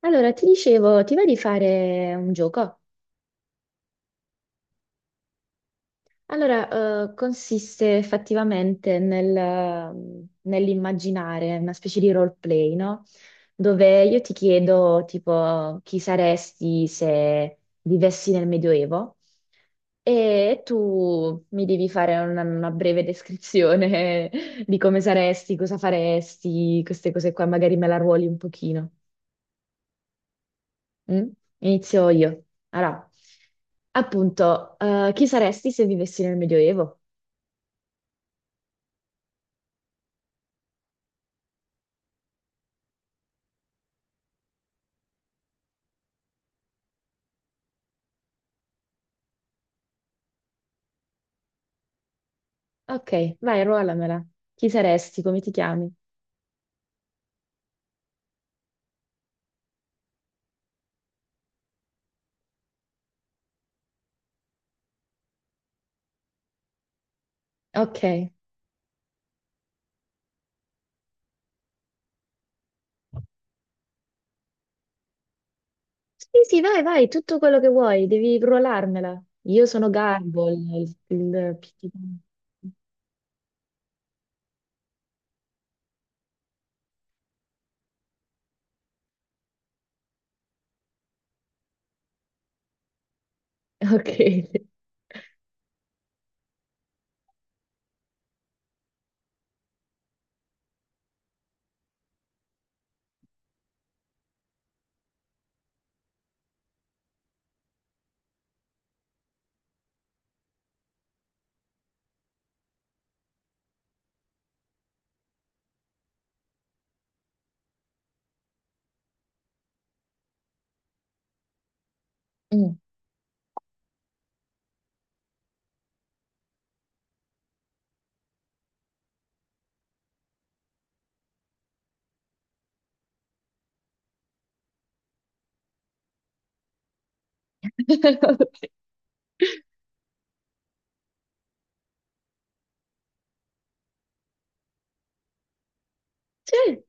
Allora, ti dicevo, ti va di fare un gioco? Allora, consiste effettivamente nell'immaginare una specie di roleplay, no? Dove io ti chiedo, tipo, chi saresti se vivessi nel Medioevo e tu mi devi fare una breve descrizione di come saresti, cosa faresti, queste cose qua, magari me la ruoli un pochino. Mm? Inizio io. Allora, appunto, chi saresti se vivessi nel Medioevo? Ok, vai, ruolamela. Chi saresti? Come ti chiami? Ok. Sì, sì, vai, vai, tutto quello che vuoi, devi ruolarmela. Io sono Garbo, il- Ok. Mm. Ok. Sì.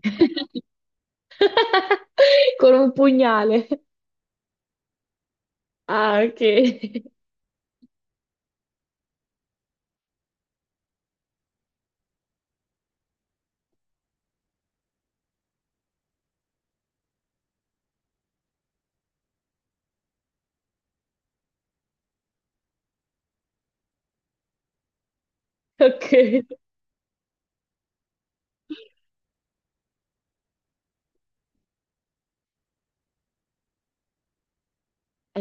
Con un pugnale. Ah, ok. Ok. E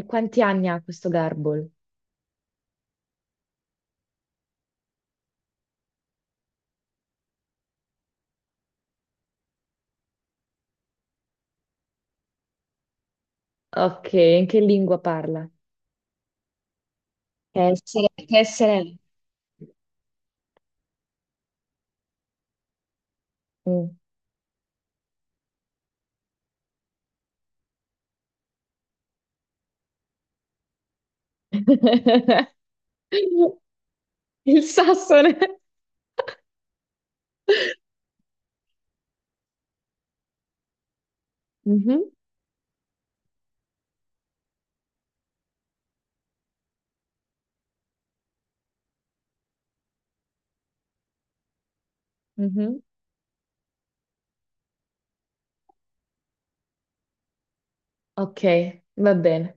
quanti anni ha questo Garbo? Ok, in che lingua parla? Che essere- Mm. Il sassone. Mhm, mhm. Ok, va bene.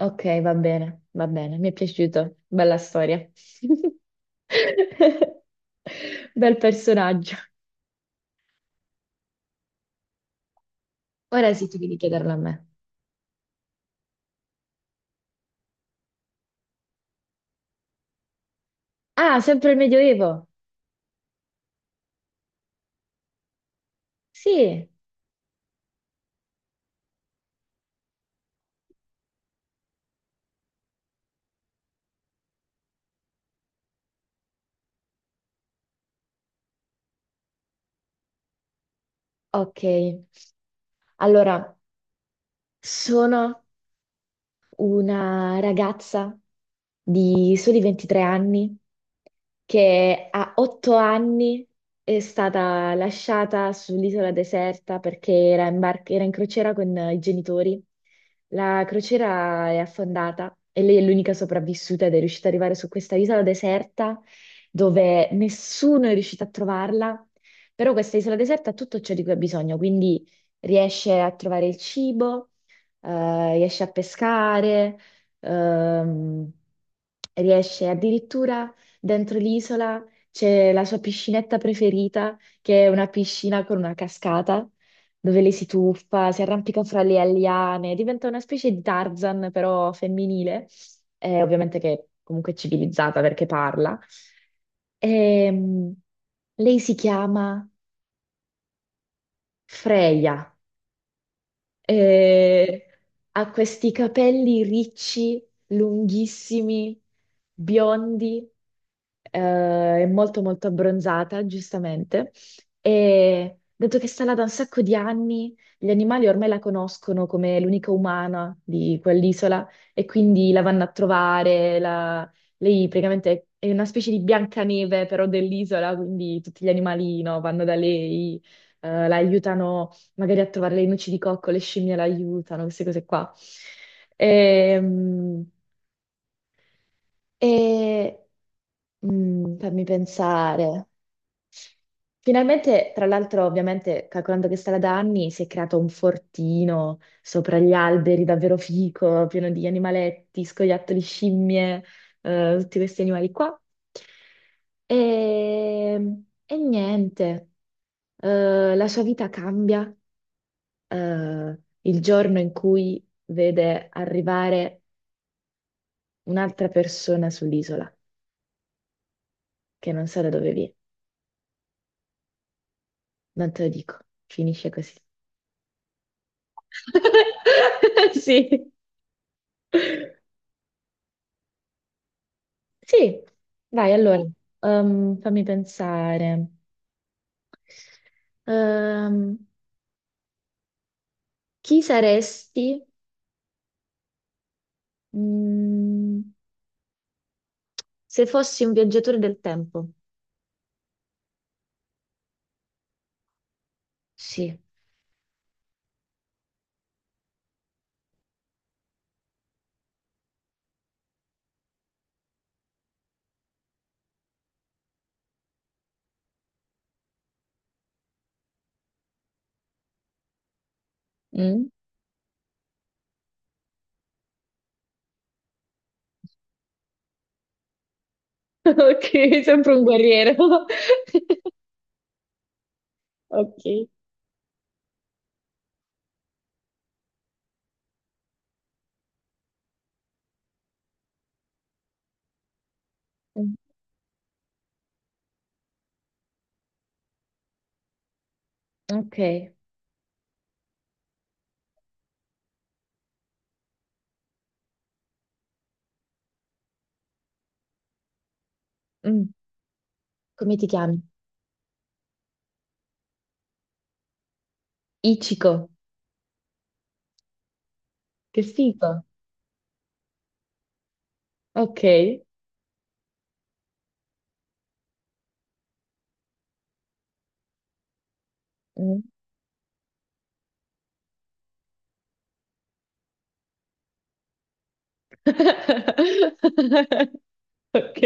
Ok, va bene, va bene. Mi è piaciuto. Bella storia. Bel personaggio. Ora sì, tu devi chiederlo a me. Ah, sempre il Medioevo. Sì, ok. Allora, sono una ragazza di soli 23 anni che a 8 anni è stata lasciata sull'isola deserta perché era in crociera con i genitori. La crociera è affondata e lei è l'unica sopravvissuta ed è riuscita ad arrivare su questa isola deserta dove nessuno è riuscito a trovarla, però questa isola deserta ha tutto ciò di cui ha bisogno, quindi riesce a trovare il cibo, riesce a pescare, ehm, riesce addirittura dentro l'isola c'è la sua piscinetta preferita, che è una piscina con una cascata dove lei si tuffa, si arrampica fra le alliane, diventa una specie di Tarzan però femminile, ovviamente che è comunque civilizzata perché parla. Ehm, lei si chiama Freya. E ha questi capelli ricci, lunghissimi, biondi, è molto molto abbronzata, giustamente, e dato che sta là da un sacco di anni, gli animali ormai la conoscono come l'unica umana di quell'isola e quindi la vanno a trovare, lei praticamente è una specie di Biancaneve però dell'isola, quindi tutti gli animali, no, vanno da lei, la aiutano magari a trovare le noci di cocco, le scimmie la aiutano, queste cose qua. Ehm, E, Fammi pensare. Finalmente, tra l'altro, ovviamente, calcolando che sarà da anni, si è creato un fortino sopra gli alberi, davvero fico, pieno di animaletti, scoiattoli, scimmie, tutti questi animali qua. E, e niente, la sua vita cambia, il giorno in cui vede arrivare un'altra persona sull'isola, che non sa da dove viene, non te lo dico, finisce così. Sì, sì, vai allora, fammi pensare. Ehm, chi saresti, mm, se fossi un viaggiatore del tempo? Sì. Mm? Ok, sempre un guerriero. Ok. Mm, ok. Mm, Come ti chiami? Ichiko. Che figo. Ok. Mm. Ok.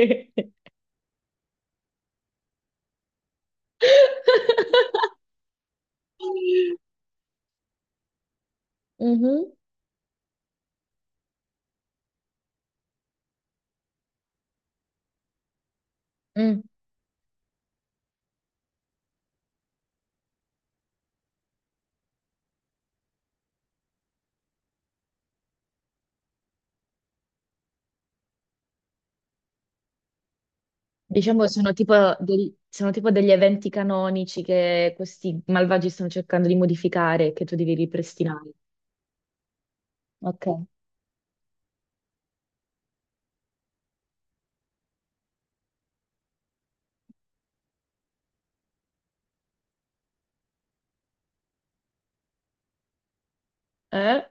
Mhm. Mm. Diciamo che sono tipo, sono tipo degli eventi canonici che questi malvagi stanno cercando di modificare e che tu devi ripristinare. Ok. Eh?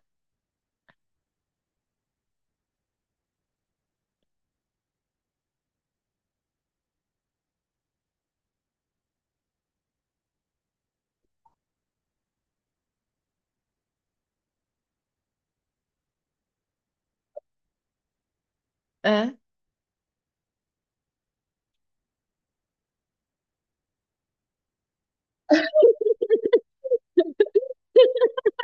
Eh?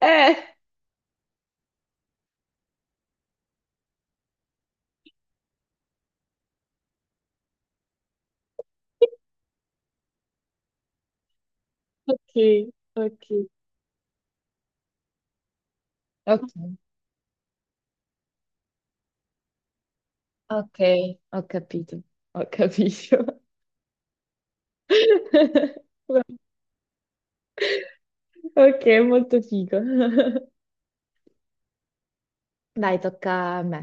Eh. Ok, ok. Ok. Ok, ho capito, ho capito. Ok, molto figo. Dai, tocca a me.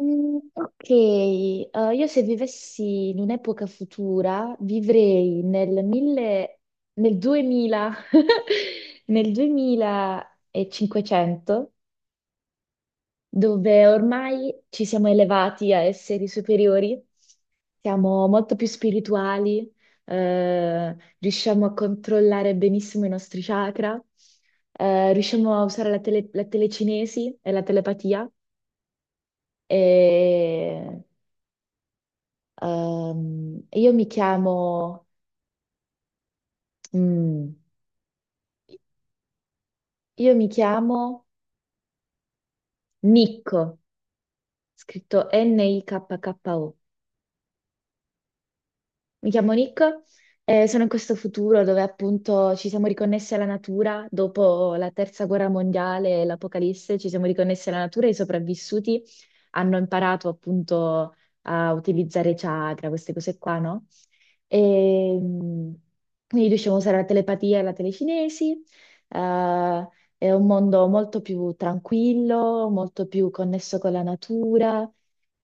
Mm, ok. Io, se vivessi in un'epoca futura, vivrei nel 2000, nel 2500, dove ormai ci siamo elevati a esseri superiori, siamo molto più spirituali, riusciamo a controllare benissimo i nostri chakra, riusciamo a usare la telecinesi e la telepatia. E Ehm, io mi chiamo, mm, io mi chiamo Nico, scritto Nikko. Mi chiamo Nick e sono in questo futuro dove appunto ci siamo riconnessi alla natura dopo la terza guerra mondiale e l'apocalisse, ci siamo riconnessi alla natura e i sopravvissuti hanno imparato appunto a utilizzare chakra, queste cose qua, no? E quindi riusciamo a usare la telepatia e la telecinesi. eh, è un mondo molto più tranquillo, molto più connesso con la natura,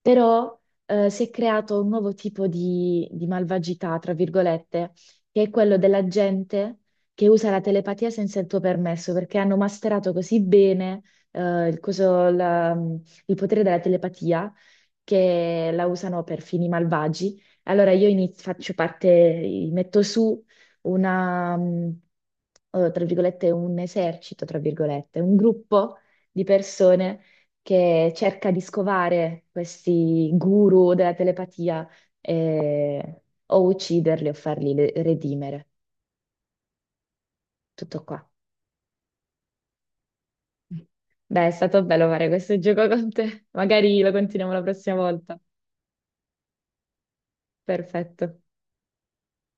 però si è creato un nuovo tipo di malvagità, tra virgolette, che è quello della gente che usa la telepatia senza il tuo permesso, perché hanno masterato così bene, eh, il, coso- la- il potere della telepatia, che la usano per fini malvagi. Allora io faccio parte, metto su una, mm, tra virgolette, un esercito, tra virgolette, un gruppo di persone che cerca di scovare questi guru della telepatia e- o ucciderli o farli redimere. Tutto qua. Beh, è stato bello fare questo gioco con te. Magari lo continuiamo la prossima volta. Perfetto.